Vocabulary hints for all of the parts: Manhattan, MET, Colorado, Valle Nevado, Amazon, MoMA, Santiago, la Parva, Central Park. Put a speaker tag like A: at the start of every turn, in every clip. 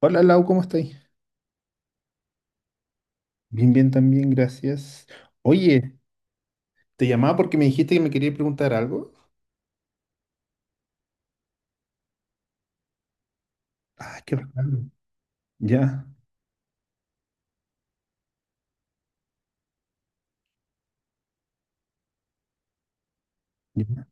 A: Hola Lau, ¿cómo estáis? Bien, bien, también, gracias. Oye, te llamaba porque me dijiste que me querías preguntar algo. Ah, qué bacán. Ya, ya.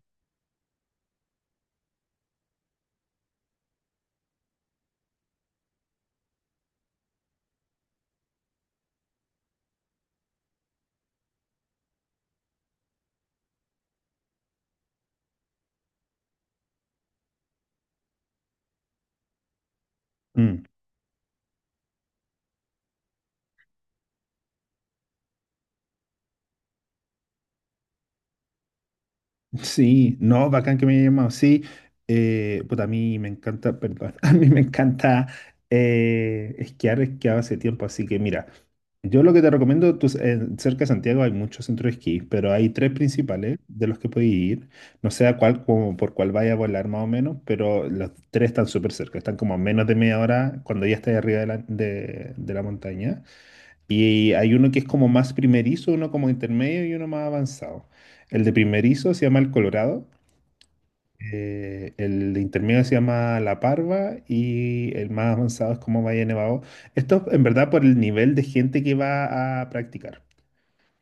A: Mm. Sí, no, bacán que me haya llamado. Sí, puta, a mí me encanta, perdón, a mí me encanta esquiar, esquiaba hace tiempo, así que mira, yo lo que te recomiendo, cerca de Santiago hay muchos centros de esquí, pero hay tres principales de los que puedes ir, no sé a cuál, como por cuál vaya a volar más o menos, pero los tres están súper cerca, están como a menos de media hora cuando ya estás arriba de la montaña. Y hay uno que es como más primerizo, uno como intermedio y uno más avanzado. El de primerizo se llama el Colorado, el de intermedio se llama la Parva y el más avanzado es como Valle Nevado. Esto en verdad por el nivel de gente que va a practicar,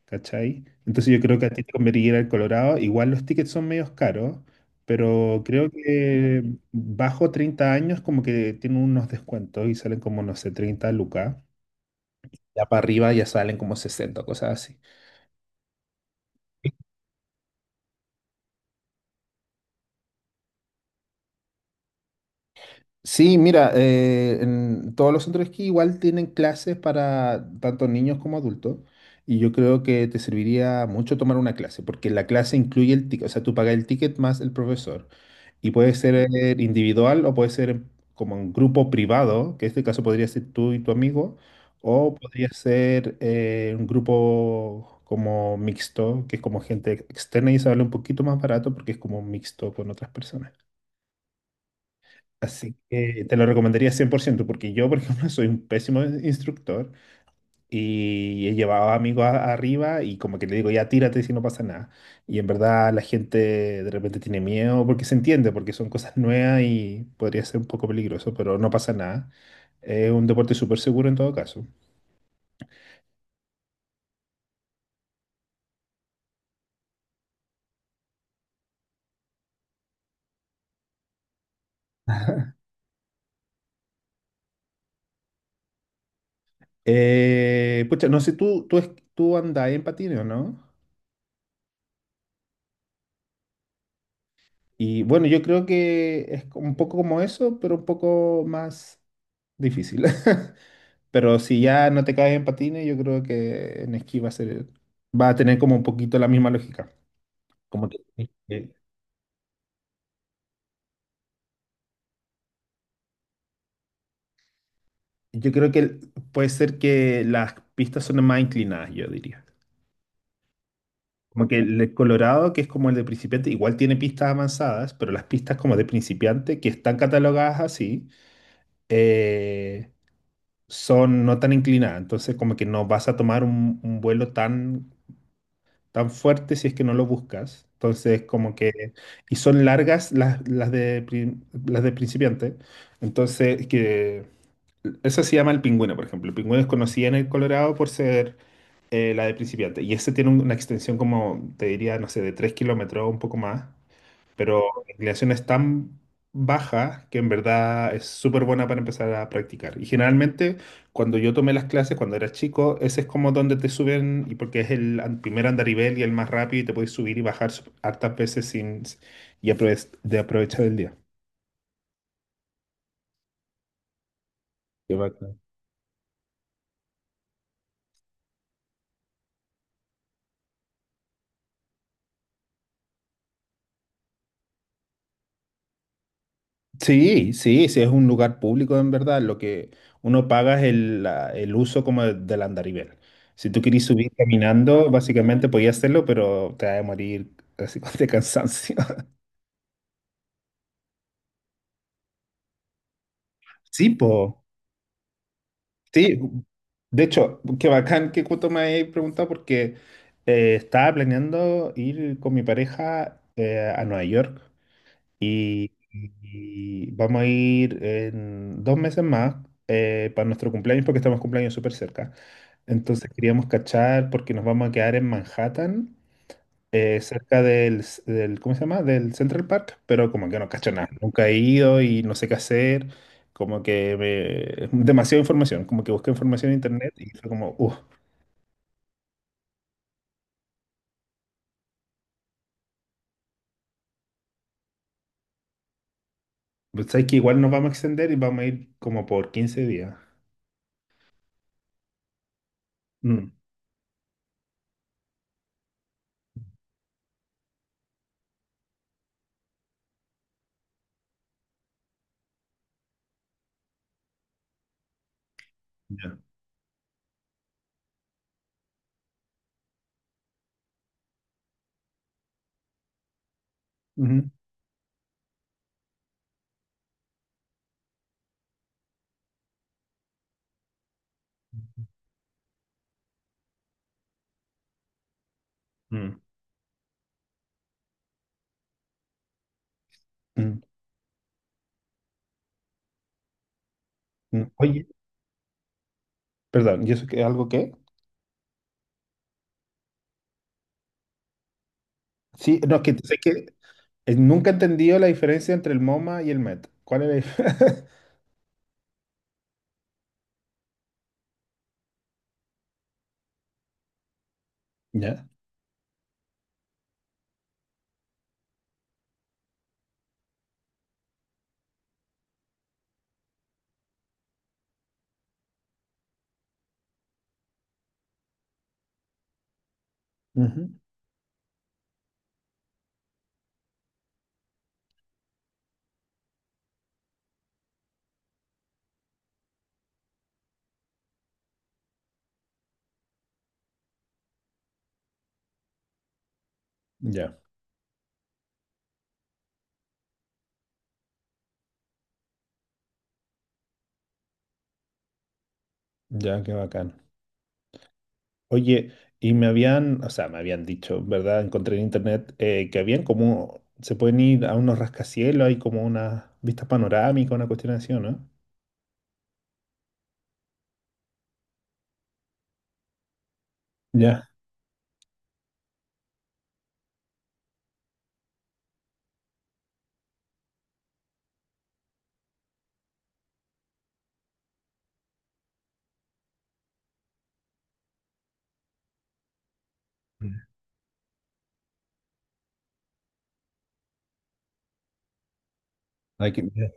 A: ¿cachai? Entonces yo creo que a ti te convendría el Colorado. Igual los tickets son medios caros, pero creo que bajo 30 años como que tienen unos descuentos y salen como, no sé, 30 lucas. Ya para arriba ya salen como 60 cosas así. Sí, mira, en todos los centros de esquí igual tienen clases para tanto niños como adultos. Y yo creo que te serviría mucho tomar una clase, porque la clase incluye el ticket, o sea, tú pagas el ticket más el profesor. Y puede ser individual o puede ser como un grupo privado, que en este caso podría ser tú y tu amigo, o podría ser un grupo como mixto, que es como gente externa y sale un poquito más barato porque es como mixto con otras personas. Así que te lo recomendaría 100% porque yo, por ejemplo, soy un pésimo instructor y he llevado amigos arriba y como que le digo, ya tírate si no pasa nada. Y en verdad la gente de repente tiene miedo porque se entiende, porque son cosas nuevas y podría ser un poco peligroso, pero no pasa nada. Es un deporte súper seguro en todo caso. Pucha, no sé, tú andás en patines, ¿o no? Y bueno, yo creo que es un poco como eso, pero un poco más difícil. Pero si ya no te caes en patines, yo creo que en esquí va a ser, va a tener como un poquito la misma lógica. Como que, eh, yo creo que puede ser que las pistas son más inclinadas, yo diría. Como que el de Colorado, que es como el de principiante, igual tiene pistas avanzadas, pero las pistas como de principiante, que están catalogadas así, eh, son no tan inclinadas. Entonces como que no vas a tomar un vuelo tan fuerte si es que no lo buscas. Entonces, como que, y son largas las de principiante. Entonces, que eso se llama el pingüino, por ejemplo. El pingüino es conocida en el Colorado por ser la de principiante. Y ese tiene una extensión como, te diría, no sé, de 3 kilómetros o un poco más, pero la inclinación es tan baja que en verdad es súper buena para empezar a practicar. Y generalmente cuando yo tomé las clases cuando era chico, ese es como donde te suben, y porque es el primer andarivel y el más rápido y te puedes subir y bajar hartas veces sin, y de aprovechar el día. Qué bacán. Sí, sí, sí, es un lugar público en verdad. Lo que uno paga es el uso como del andarivel. Si tú querís subir caminando, básicamente podías hacerlo, pero te vas a morir así con de cansancio. Sí, po. Sí. De hecho, qué bacán que justo me hayas preguntado porque estaba planeando ir con mi pareja a Nueva York, y, y vamos a ir en 2 meses más para nuestro cumpleaños porque estamos cumpleaños súper cerca. Entonces queríamos cachar porque nos vamos a quedar en Manhattan cerca del, ¿cómo se llama? Del Central Park, pero como que no cacho nada. Nunca he ido y no sé qué hacer. Como que es demasiada información. Como que busqué información en internet y fue como, uff, sabes que igual nos vamos a extender y vamos a ir como por 15 días. Mm, ya. Ujú, mm, mm, mm. Oye, perdón, ¿y eso qué, algo qué? Sí, no, es que sé que nunca he entendido la diferencia entre el MoMA y el MET. ¿Cuál es la dif- Ya. Ujú. Ya, ya, qué bacán. Oye, y me habían, o sea, me habían dicho, ¿verdad? Encontré en internet que habían como, se pueden ir a unos rascacielos, hay como una vista panorámica, una cuestión así, ¿o no? Ya. Hay que, ya.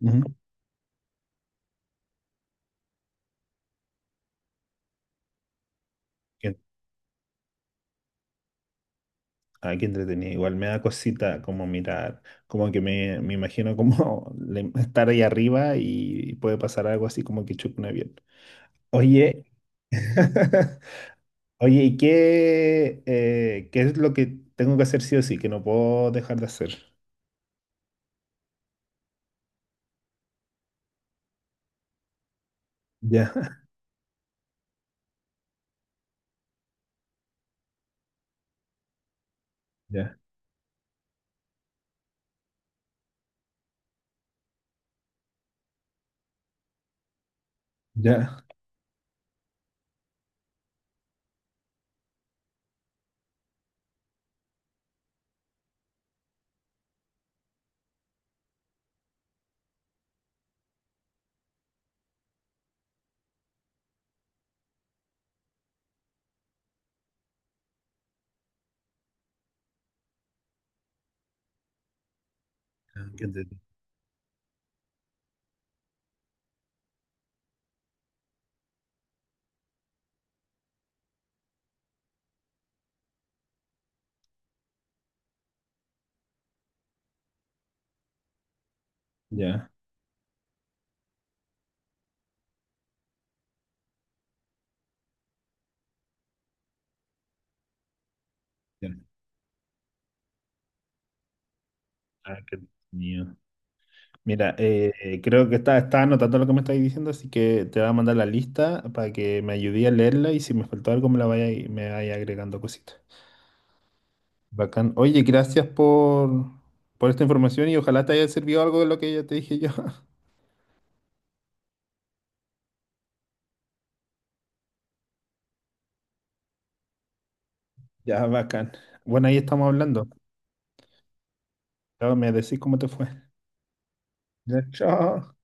A: Ujú. Que- ay, qué entretenido. Igual me da cosita como mirar, como que me imagino como estar ahí arriba y puede pasar algo así como que choque un avión. Oye, oye, ¿y qué es lo que tengo que hacer sí o sí, que no puedo dejar de hacer? Ya. Ya, ya. Ah, qué entretenido. Ya, ya. Ah, qué entretenido. Mira, creo que está, está anotando lo que me estáis diciendo, así que te voy a mandar la lista para que me ayude a leerla y si me faltó algo me vaya agregando cositas. Bacán. Oye, gracias por esta información y ojalá te haya servido algo de lo que ya te dije yo. Ya, bacán. Bueno, ahí estamos hablando. Chao, me decís cómo te fue. Ya, chao.